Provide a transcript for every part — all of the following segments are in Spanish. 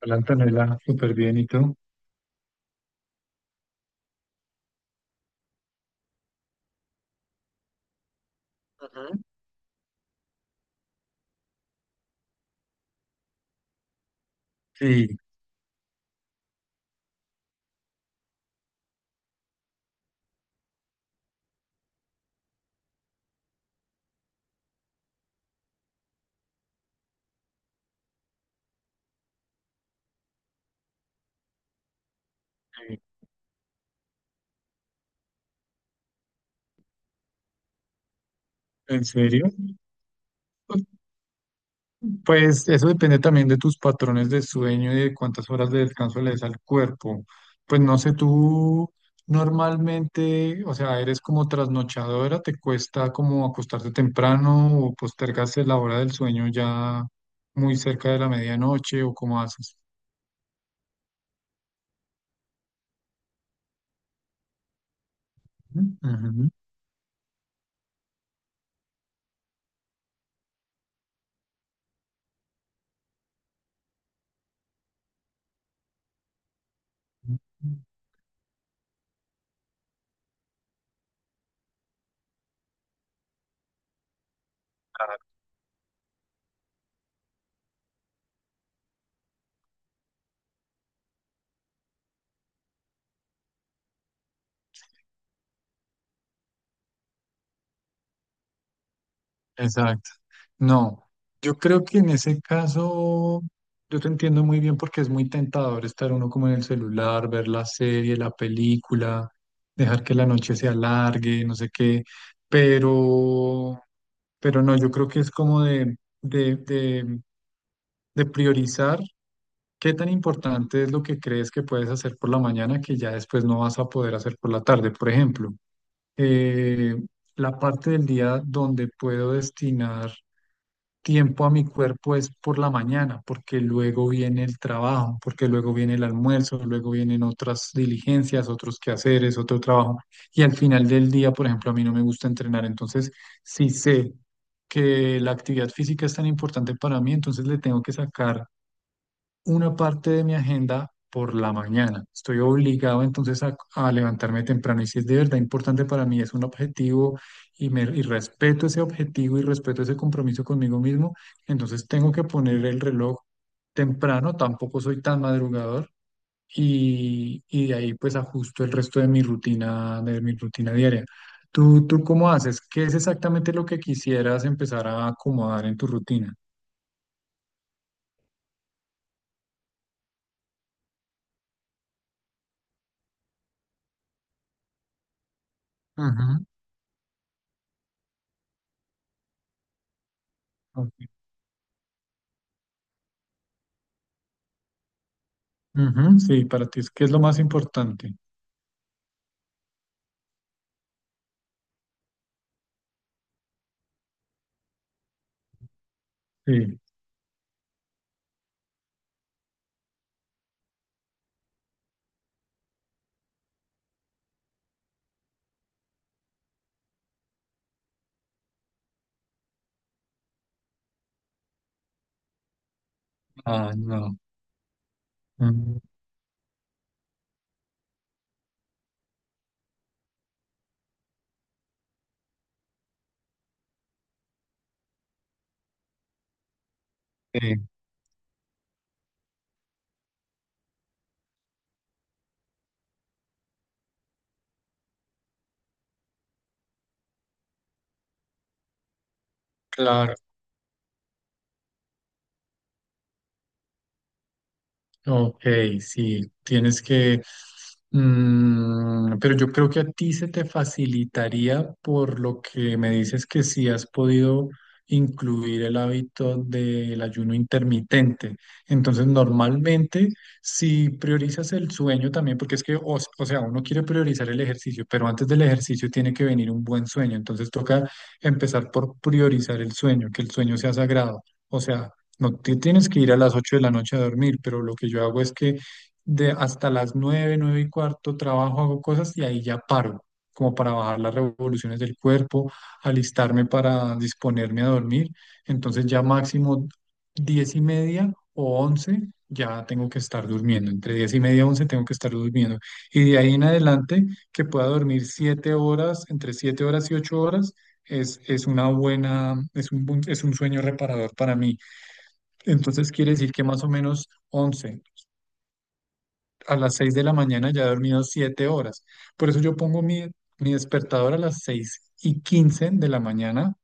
Hola Antonella, súper bien, ¿y tú? Sí, sí. ¿En serio? Pues eso depende también de tus patrones de sueño y de cuántas horas de descanso le des al cuerpo. Pues no sé, tú normalmente, o sea, eres como trasnochadora, ¿te cuesta como acostarte temprano o postergas la hora del sueño ya muy cerca de la medianoche o cómo haces? Ujú. Ujú. Exacto. No, yo creo que en ese caso yo te entiendo muy bien porque es muy tentador estar uno como en el celular, ver la serie, la película, dejar que la noche se alargue, no sé qué, pero, pero no, yo creo que es como de, de, de priorizar qué tan importante es lo que crees que puedes hacer por la mañana que ya después no vas a poder hacer por la tarde. Por ejemplo, eh, la parte del día donde puedo destinar tiempo a mi cuerpo es por la mañana, porque luego viene el trabajo, porque luego viene el almuerzo, luego vienen otras diligencias, otros quehaceres, otro trabajo. Y al final del día, por ejemplo, a mí no me gusta entrenar, entonces sí sé que la actividad física es tan importante para mí, entonces le tengo que sacar una parte de mi agenda por la mañana. Estoy obligado entonces a levantarme temprano y si es de verdad importante para mí, es un objetivo y respeto ese objetivo y respeto ese compromiso conmigo mismo, entonces tengo que poner el reloj temprano, tampoco soy tan madrugador y de ahí pues ajusto el resto de mi rutina diaria. ¿Tú cómo haces? ¿Qué es exactamente lo que quisieras empezar a acomodar en tu rutina? Ujú. Ok. Ujú, sí, para ti es que es lo más importante. Sí. Ah, no. Mm, sí. Claro. Ok, sí, tienes que, pero yo creo que a ti se te facilitaría por lo que me dices que sí has podido incluir el hábito del ayuno intermitente. Entonces, normalmente, si priorizas el sueño también, porque es que, o sea, uno quiere priorizar el ejercicio, pero antes del ejercicio tiene que venir un buen sueño. Entonces, toca empezar por priorizar el sueño, que el sueño sea sagrado. O sea, no te tienes que ir a las 8 de la noche a dormir, pero lo que yo hago es que de hasta las nueve y cuarto trabajo, hago cosas y ahí ya paro, como para bajar las revoluciones del cuerpo, alistarme para disponerme a dormir. Entonces ya máximo 10:30 o 11 ya tengo que estar durmiendo. Entre 10:30 y 11 tengo que estar durmiendo. Y de ahí en adelante que pueda dormir 7 horas, entre 7 horas y 8 horas. Es una buena, es un, es un sueño reparador para mí. Entonces quiere decir que más o menos 11 a las 6 de la mañana ya he dormido 7 horas. Por eso yo pongo mi despertador a las 6:15 de la mañana,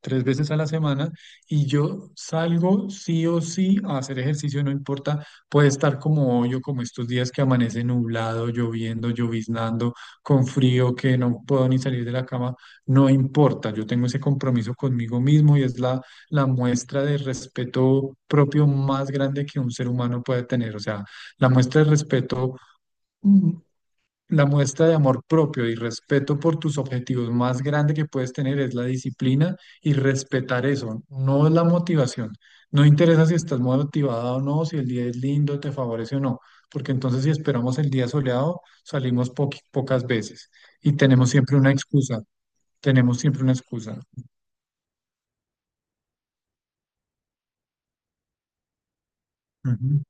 3 veces a la semana, y yo salgo sí o sí a hacer ejercicio, no importa, puede estar como hoy o como estos días que amanece nublado, lloviendo, lloviznando, con frío, que no puedo ni salir de la cama, no importa, yo tengo ese compromiso conmigo mismo y es la muestra de respeto propio más grande que un ser humano puede tener, o sea, la muestra de respeto, mm, la muestra de amor propio y respeto por tus objetivos más grande que puedes tener es la disciplina y respetar eso, no es la motivación. No interesa si estás motivada o no, si el día es lindo, te favorece o no, porque entonces si esperamos el día soleado, salimos pocas veces y tenemos siempre una excusa, tenemos siempre una excusa. Ujú,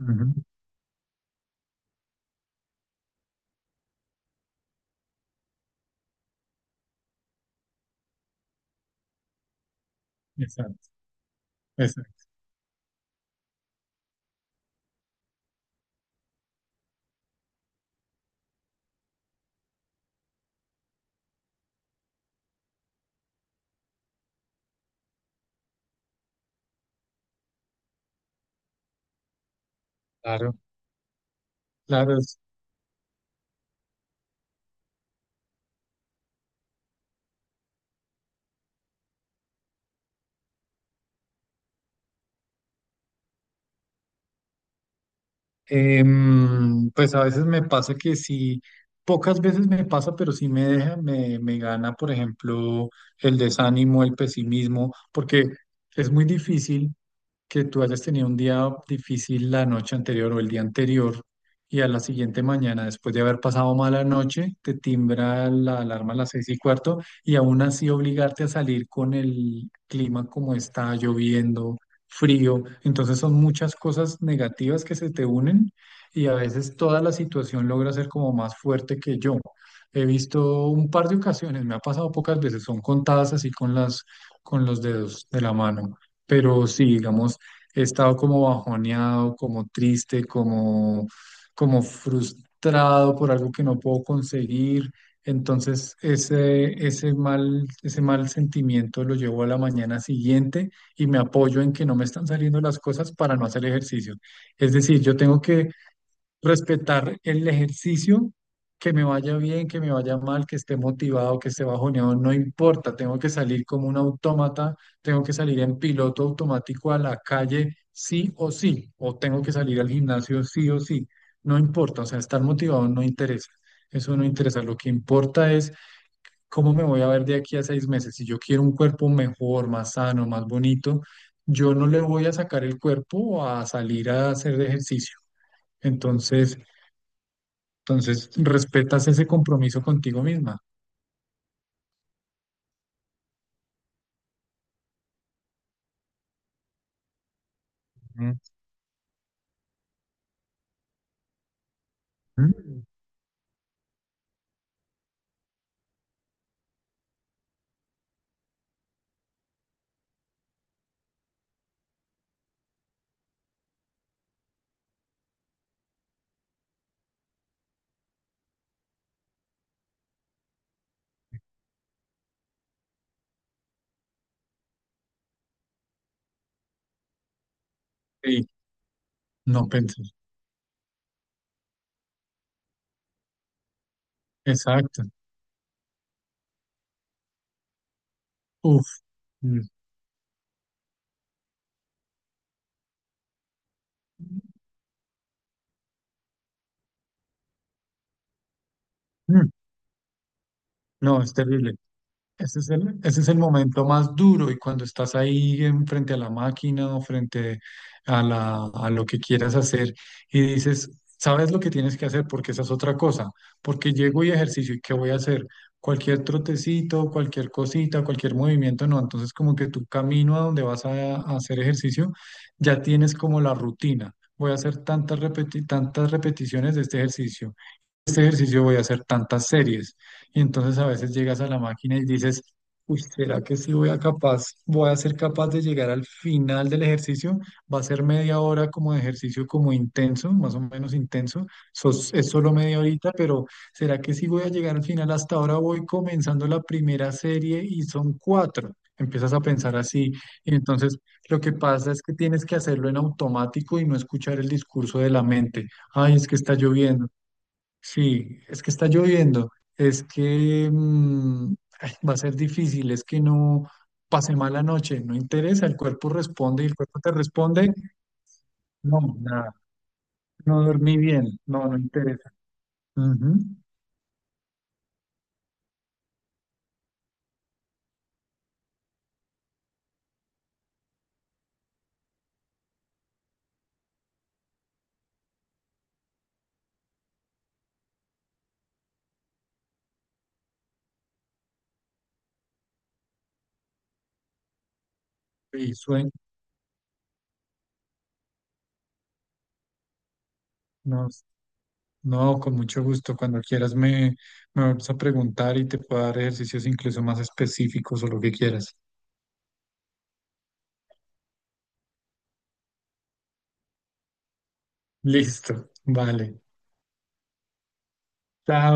ujú, ujú. Exacto, exacto. Claro, claro. Pues a veces me pasa que sí, pocas veces me pasa, pero sí me deja, me gana, por ejemplo, el desánimo, el pesimismo, porque es muy difícil que tú hayas tenido un día difícil la noche anterior o el día anterior y a la siguiente mañana, después de haber pasado mala noche, te timbra la alarma a las 6:15 y aún así obligarte a salir con el clima como está, lloviendo, frío. Entonces son muchas cosas negativas que se te unen y a veces toda la situación logra ser como más fuerte que yo. He visto un par de ocasiones, me ha pasado pocas veces, son contadas así con las, con los dedos de la mano. Pero sí, digamos, he estado como bajoneado, como triste, como, como frustrado por algo que no puedo conseguir. Entonces, ese mal sentimiento lo llevo a la mañana siguiente y me apoyo en que no me están saliendo las cosas para no hacer ejercicio. Es decir, yo tengo que respetar el ejercicio, que me vaya bien, que me vaya mal, que esté motivado, que esté bajoneado, no importa, tengo que salir como un autómata, tengo que salir en piloto automático a la calle sí o sí, o tengo que salir al gimnasio sí o sí, no importa, o sea, estar motivado no interesa. Eso no interesa, lo que importa es cómo me voy a ver de aquí a 6 meses. Si yo quiero un cuerpo mejor, más sano, más bonito, yo no le voy a sacar el cuerpo a salir a hacer ejercicio. Entonces, entonces, respetas ese compromiso contigo misma. Ujú. Mm. Sí, no pensé. Exacto. Uf. Mm. Mm. No, es terrible. Ese es el momento más duro y cuando estás ahí frente a la máquina o frente a lo que quieras hacer y dices, sabes lo que tienes que hacer porque esa es otra cosa, porque llego y ejercicio y ¿qué voy a hacer? Cualquier trotecito, cualquier cosita, cualquier movimiento, no. Entonces como que tu camino a donde vas a hacer ejercicio ya tienes como la rutina. Voy a hacer tantas repeticiones de este ejercicio. Este ejercicio voy a hacer tantas series. Y entonces a veces llegas a la máquina y dices, uy, ¿será que sí voy a ser capaz de llegar al final del ejercicio? Va a ser media hora como de ejercicio como intenso, más o menos intenso. Es solo media horita, pero ¿será que sí voy a llegar al final? Hasta ahora voy comenzando la primera serie y son cuatro. Empiezas a pensar así y entonces lo que pasa es que tienes que hacerlo en automático y no escuchar el discurso de la mente. Ay, es que está lloviendo. Sí, es que está lloviendo, es que ay, va a ser difícil, es que no pasé mala noche, no interesa, el cuerpo responde y el cuerpo te responde, no, nada, no dormí bien, no, no interesa. Ujú, sí, sueño, no, no, con mucho gusto, cuando quieras me vas a preguntar y te puedo dar ejercicios incluso más específicos o lo que quieras. Listo, vale. Chao.